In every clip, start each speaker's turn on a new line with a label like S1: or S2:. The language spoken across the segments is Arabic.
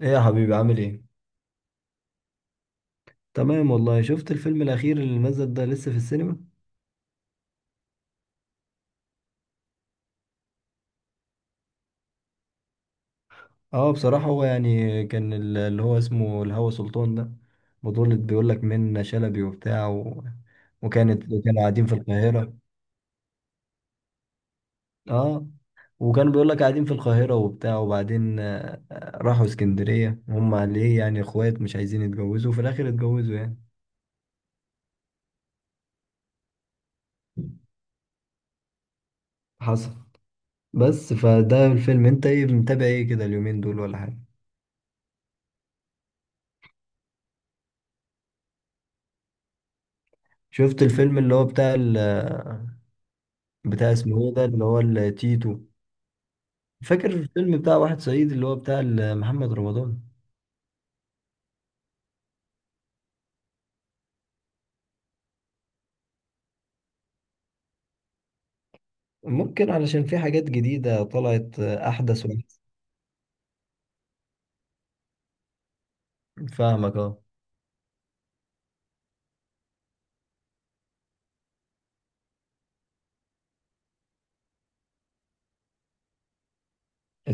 S1: ايه يا حبيبي، عامل ايه؟ تمام والله. شفت الفيلم الاخير اللي نزل ده لسه في السينما؟ اه، بصراحة هو يعني كان اللي هو اسمه الهوى سلطان ده. بطولة بيقول لك منة شلبي وبتاع. كانوا قاعدين في القاهرة. اه، وكانوا بيقول لك قاعدين في القاهرة وبتاع وبعدين راحوا اسكندرية. هم ليه يعني اخوات مش عايزين يتجوزوا، وفي الاخر اتجوزوا يعني. حصل. بس فده الفيلم، انت ايه متابع ايه كده اليومين دول ولا حاجة؟ شفت الفيلم اللي هو بتاع اسمه ايه ده اللي هو التيتو؟ فاكر الفيلم بتاع واحد صعيدي اللي هو بتاع محمد رمضان؟ ممكن علشان في حاجات جديدة طلعت، أحدث وأحسن. فاهمك، اه.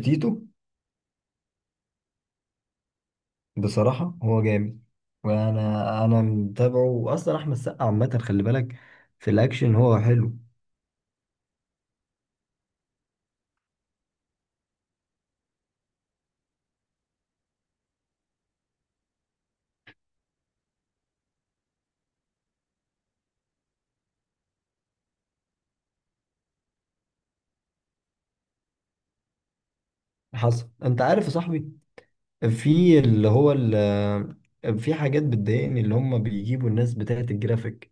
S1: تيتو. بصراحة هو جامد. وأنا متابعه، وأصلا أحمد السقا عامة خلي بالك. في الأكشن هو حلو. حصل. أنت عارف يا صاحبي، في اللي هو ال- في حاجات بتضايقني، اللي هم بيجيبوا الناس بتاعت الجرافيك.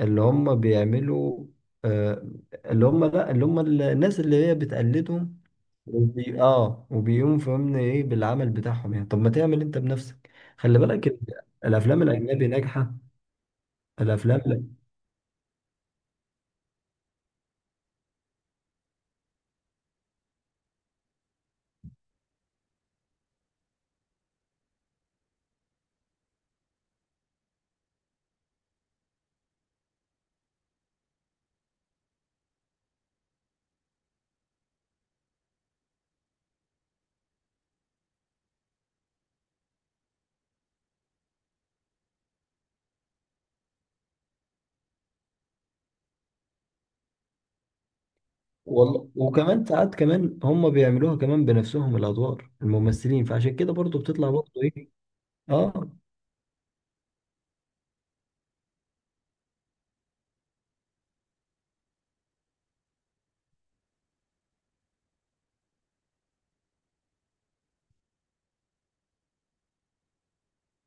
S1: اللي هم بيعملوا آه، اللي هم لا اللي هم الناس اللي هي بتقلدهم. اه، وبيقوم فهمنا ايه بالعمل بتاعهم يعني. طب ما تعمل انت بنفسك. خلي بالك. الافلام الاجنبي ناجحه. الافلام، لا. والله وكمان ساعات كمان هم بيعملوها كمان بنفسهم الادوار الممثلين، فعشان كده برضو بتطلع برضو ايه. اه،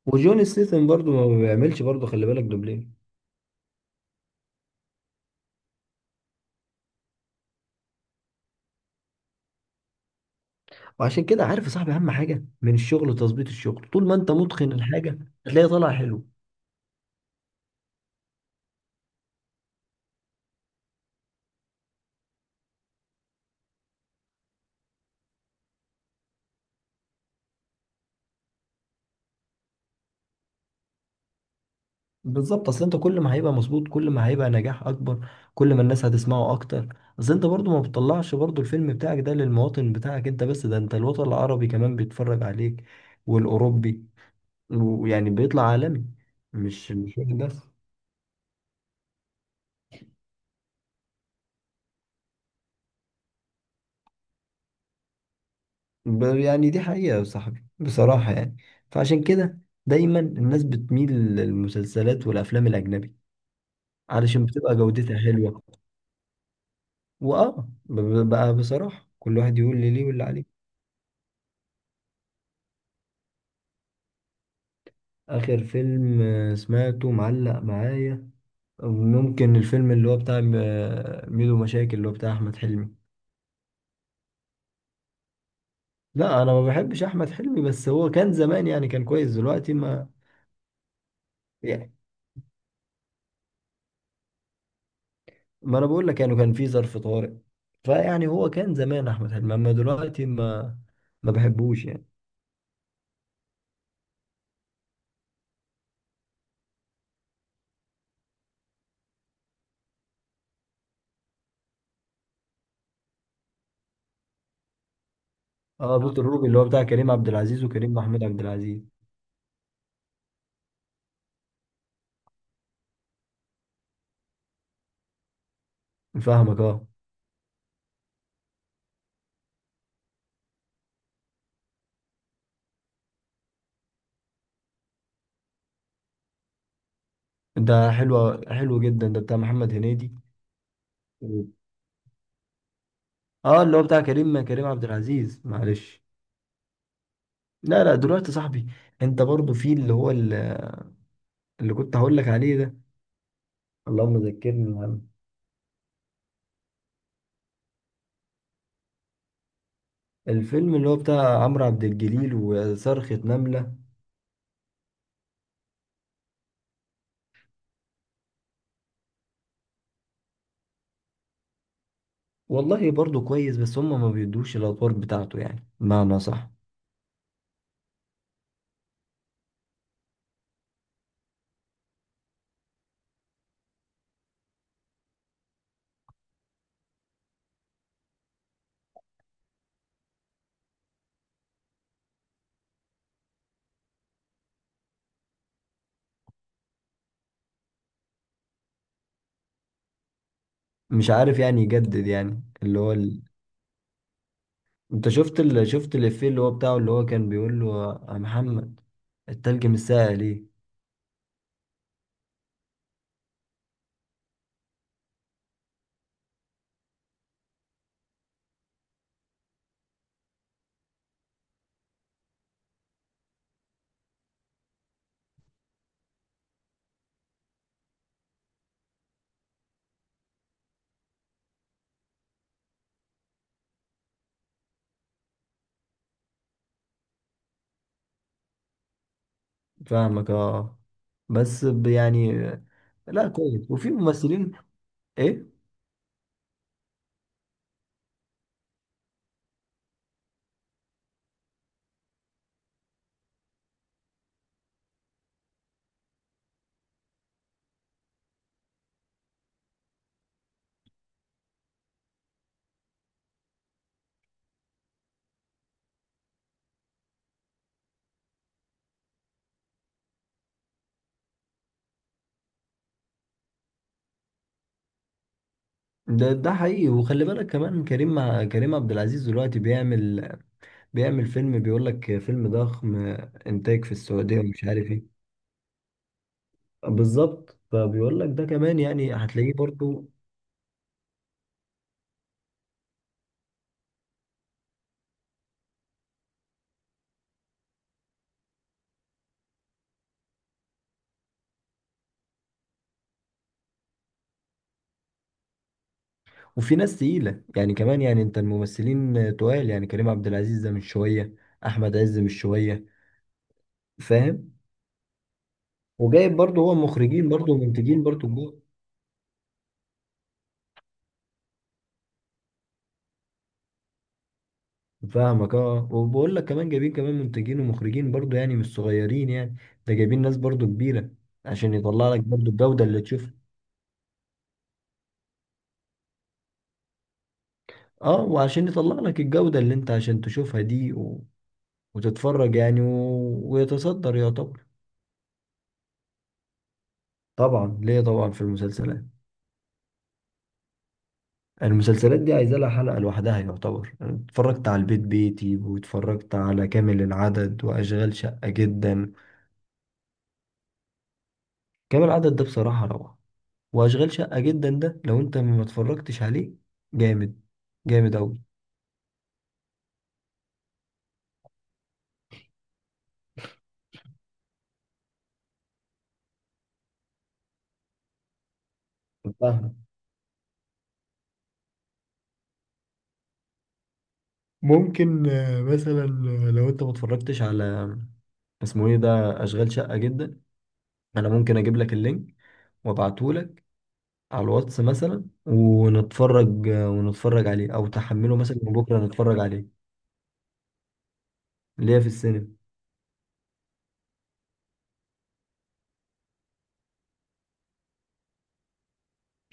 S1: وجون ستيثم برضو ما بيعملش برضو خلي بالك دوبلين. وعشان كده عارف يا صاحبي، اهم حاجه من الشغل وتظبيط الشغل، طول ما انت متقن الحاجه هتلاقيها طالعه حلو. بالظبط، اصل انت كل ما هيبقى مظبوط كل ما هيبقى نجاح اكبر، كل ما الناس هتسمعه اكتر. اصل انت برضو ما بتطلعش برضو الفيلم بتاعك ده للمواطن بتاعك انت بس، ده انت الوطن العربي كمان بيتفرج عليك، والاوروبي، ويعني بيطلع عالمي. مش واحد بس. يعني دي حقيقة يا صاحبي بصراحة يعني. فعشان كده دايما الناس بتميل للمسلسلات والافلام الاجنبي علشان بتبقى جودتها حلوة. بقى بصراحة كل واحد يقول لي ليه واللي عليه. آخر فيلم سمعته معلق معايا. ممكن الفيلم اللي هو بتاع ميدو مشاكل اللي هو بتاع أحمد حلمي. لا، أنا ما بحبش أحمد حلمي، بس هو كان زمان يعني كان كويس، دلوقتي ما. يعني ما أنا بقول لك يعني كان في ظرف طارئ. فيعني هو كان زمان أحمد حلمي، أما دلوقتي ما بحبوش يعني. اه، بوت الروبي اللي هو بتاع كريم عبد العزيز وكريم محمود عبد العزيز. فاهمك، اه. ده حلو حلو جدا، ده بتاع محمد هنيدي. اه، اللي هو بتاع كريم عبد العزيز، معلش. لا لا، دلوقتي يا صاحبي انت برضو في اللي هو ال- اللي كنت هقول لك عليه ده. اللهم ذكرني الهم. الفيلم اللي هو بتاع عمرو عبد الجليل وصرخة نملة. والله برضو كويس، بس هم ما بيدوش الادوار بتاعته يعني، بمعنى صح. مش عارف يعني يجدد يعني. انت شفت الافيه اللي هو بتاعه اللي هو كان بيقول له، يا محمد، التلج مش ساقع ليه؟ فاهمك، اه. بس يعني. لا، كويس. وفي ممثلين. ايه؟ ده حقيقي. وخلي بالك كمان، كريم مع كريم عبد العزيز دلوقتي بيعمل فيلم، بيقول لك فيلم ضخم، انتاج في السعودية ومش عارف ايه. بالظبط، فبيقول لك ده كمان يعني، هتلاقيه برضو. وفي ناس تقيلة يعني كمان، يعني انت الممثلين تقال يعني. كريم عبد العزيز ده مش شوية. احمد عز مش شوية. فاهم؟ وجايب برضو هو مخرجين برضو ومنتجين برضو. فاهمك، اه. وبقول لك كمان جايبين كمان منتجين ومخرجين برضو، يعني مش صغيرين يعني. ده جايبين ناس برضو كبيرة، عشان يطلع لك برضو الجودة اللي تشوفها. اه، وعشان يطلع لك الجودة اللي انت عشان تشوفها دي. وتتفرج يعني. ويتصدر يعتبر. طبعا ليه، طبعا في المسلسلات. المسلسلات دي عايزة لها حلقة لوحدها يعتبر. أنا اتفرجت على البيت بيتي، واتفرجت على كامل العدد، وأشغال شقة جدا. كامل العدد ده بصراحة روعة. واشغال شقة جدا ده، لو انت ما اتفرجتش عليه، جامد. جامد اوي. فاهمة؟ ممكن مثلا لو انت ما اتفرجتش على، اسمه ايه ده، اشغال شقة جدا. انا ممكن اجيب لك اللينك وابعته لك على الواتس مثلا، ونتفرج عليه، او تحمله مثلا وبكره نتفرج عليه. اللي هي في السينما.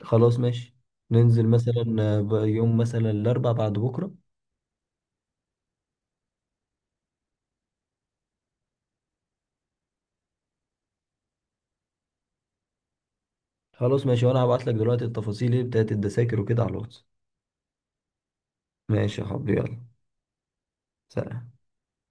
S1: خلاص ماشي. ننزل مثلا يوم مثلا الاربع بعد بكره. خلاص ماشي، وانا هبعت لك دلوقتي التفاصيل ايه بتاعت الدساكر وكده على الواتس. ماشي يا حبيبي، يلا. سلام.